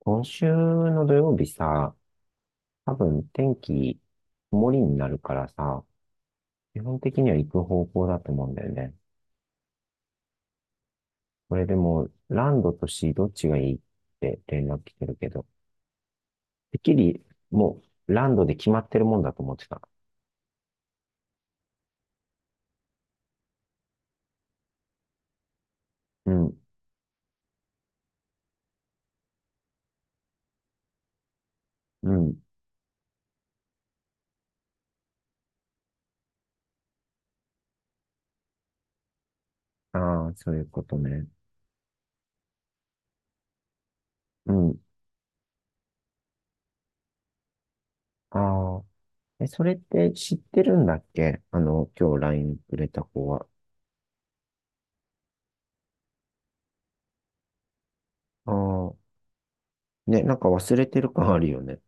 今週の土曜日さ、多分天気曇りになるからさ、基本的には行く方向だと思うんだよね。これでも、ランドとシーどっちがいいって連絡来てるけど、てっきりもうランドで決まってるもんだと思ってた。うん、うん。ああ、そういうことね。うん。ああ。え、それって知ってるんだっけあの、今日ラインくれた子は。ああ。ね、なんか忘れてる感あるよね。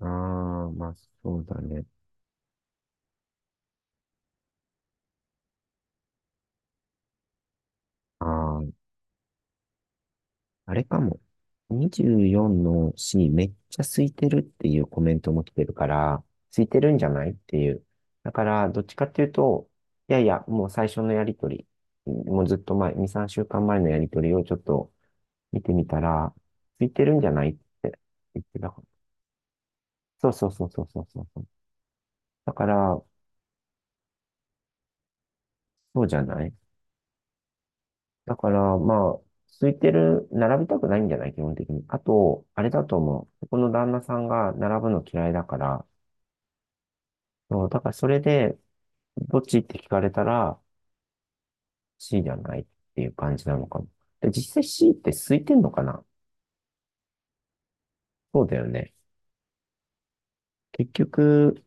ああ、まあそうだね。ああ、あれかも。24の C めっちゃ空いてるっていうコメントも来てるから、空いてるんじゃないっていう。だから、どっちかっていうと、いやいや、もう最初のやりとり、もうずっと前、2、3週間前のやりとりをちょっと見てみたら、空いてるんじゃないって言ってたから。そうそうそうそうそうそうそう。だから、そうじゃない。だから、まあ、空いてる、並びたくないんじゃない基本的に。あと、あれだと思う。ここの旦那さんが並ぶの嫌いだから、そう、だからそれで、どっちって聞かれたら C じゃないっていう感じなのかも。で、実際 C って空いてんのかな？そうだよね。結局、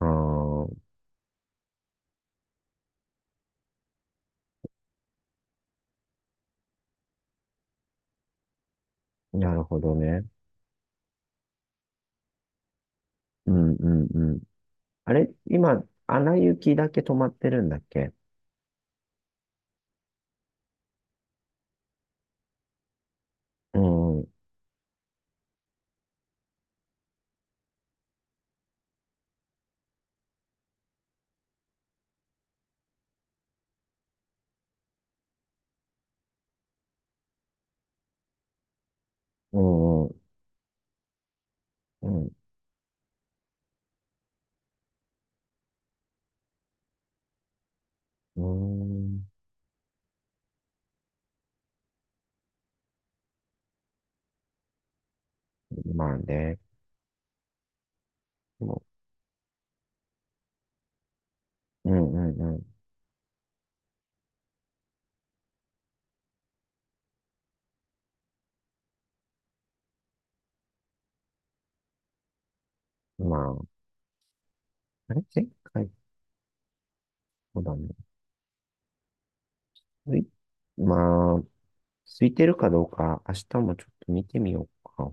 ああなるほどね。うんうんうん。あれ今、アナ雪だけ止まってるんだっけ？うんうんうんうんうんん。まあね。でもうんうんうん。まあ、あれ前回、そうだね。ういまあ、空いてるかどうか、明日もちょっと見てみようか。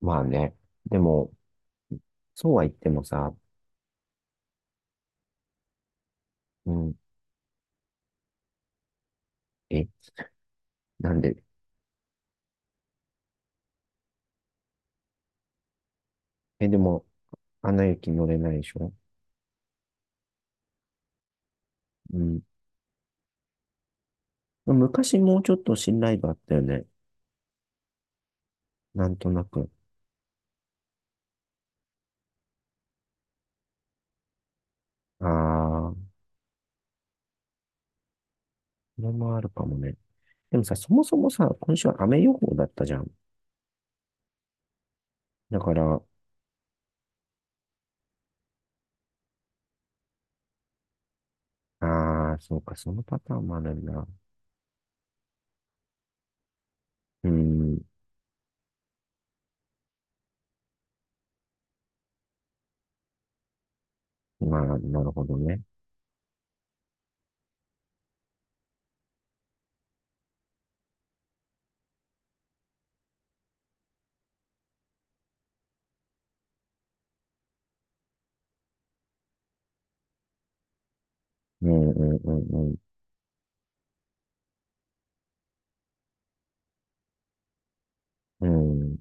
まあね。でも、そうは言ってもさ、うん、え、なんで、え、でも、アナ雪乗れないでしょ？うん。昔もうちょっと信頼度あったよね。なんとなく。ああ、これもあるかもね。でもさ、そもそもさ、今週は雨予報だったじゃん。だから、ああ、そうか、そのパターンもあるんだ。うん、まあ、なるほどね。うん、うん、うん、うん。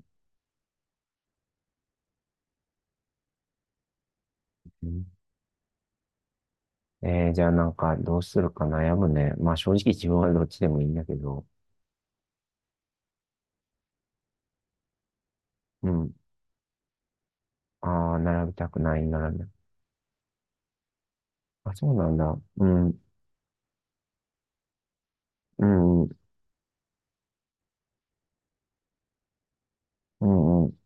うんえー、じゃあなんか、どうするか悩むね。まあ、正直自分はどっちでもいいんだけど。うん。ああ、並びたくない、並びたくあ、そうなんだ。うん、うん、うん、うん、うん、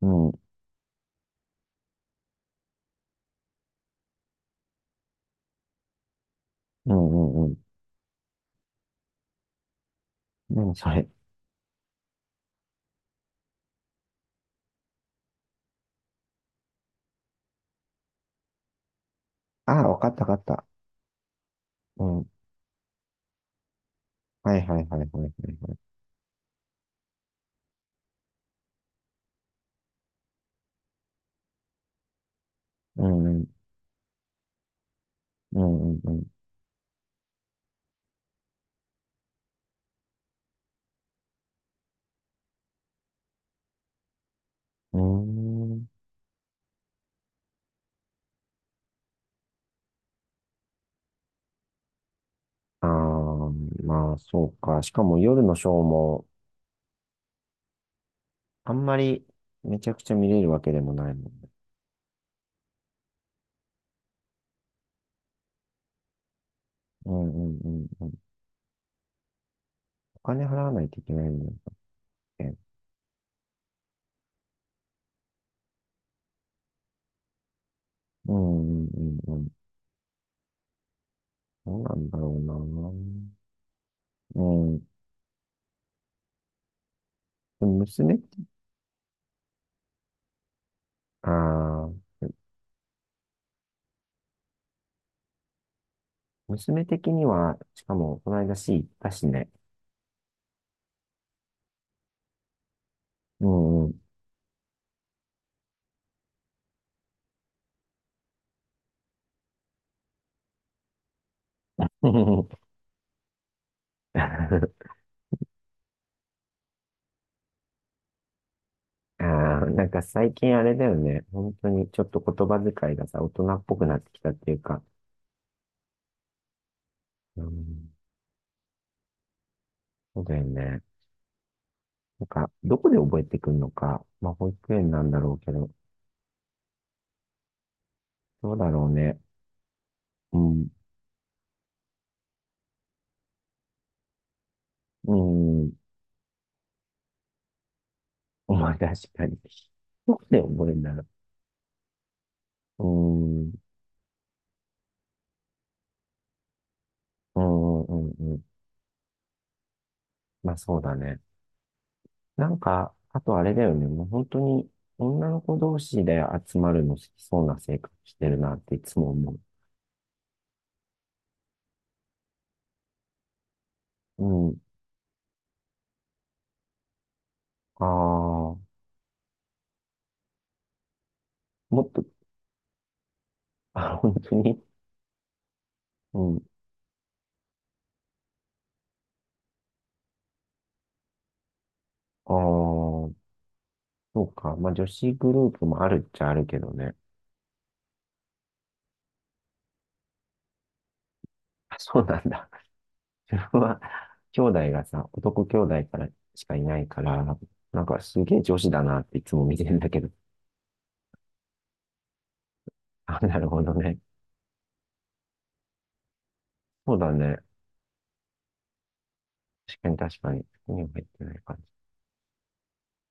うん、うん、うん。何それ。ああ、わかった、わかった。うん。はい、はい、はい、はい、はいはい。うん、うん、うん、うん。うーん。ああ、まあ、そうか。しかも夜のショーも、あんまりめちゃくちゃ見れるわけでもないもんね。うん、うん、うん、うん。お金払わないといけないもんだっけ。うん、うん、うん、うん。どうなんだろうな。うん。でも娘って、ああ、娘的には、しかも、この間 C 行ったしね。うんうん。ああ、なんか最近あれだよね。本当にちょっと言葉遣いがさ、大人っぽくなってきたっていうか。うん、そうだよね。なんか、どこで覚えてくんのか。まあ、保育園なんだろうけど、どうだろうね。うん、うん、まあ、確かに。どこで覚えるんだろう。うん、うん、うん、うんうん。まあ、そうだね。なんか、あとあれだよね。もう本当に女の子同士で集まるの好きそうな性格してるなっていつも思う。うん。ああ、もっと、あ、本当に。うん。ああ、そうか。まあ女子グループもあるっちゃあるけどね。あそうなんだ。自分は兄弟がさ、男兄弟からしかいないから、なんかすげえ女子だなっていつも見てるんだけど。あ、なるほどね。そうだね。確かに確かに。手には入ってない感じ。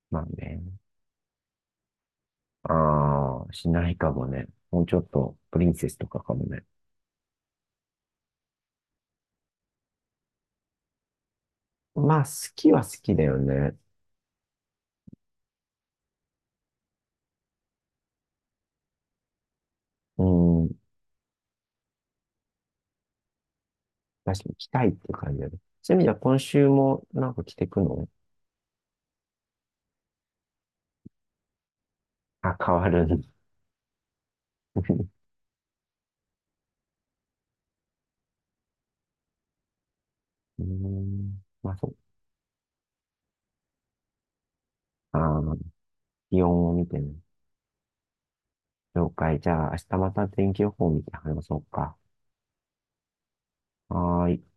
まあね。ああ、しないかもね。もうちょっと、プリンセスとかかもね。まあ、好きは好きだよね。うん。確かに来たいっていう感じだね。そういう意味では今週もなんか着てくのあ、変わるんだ。うん。まあ、そう。ああ、気温を見てね。了解。じゃあ、明日また天気予報を見て話そうか。はーい。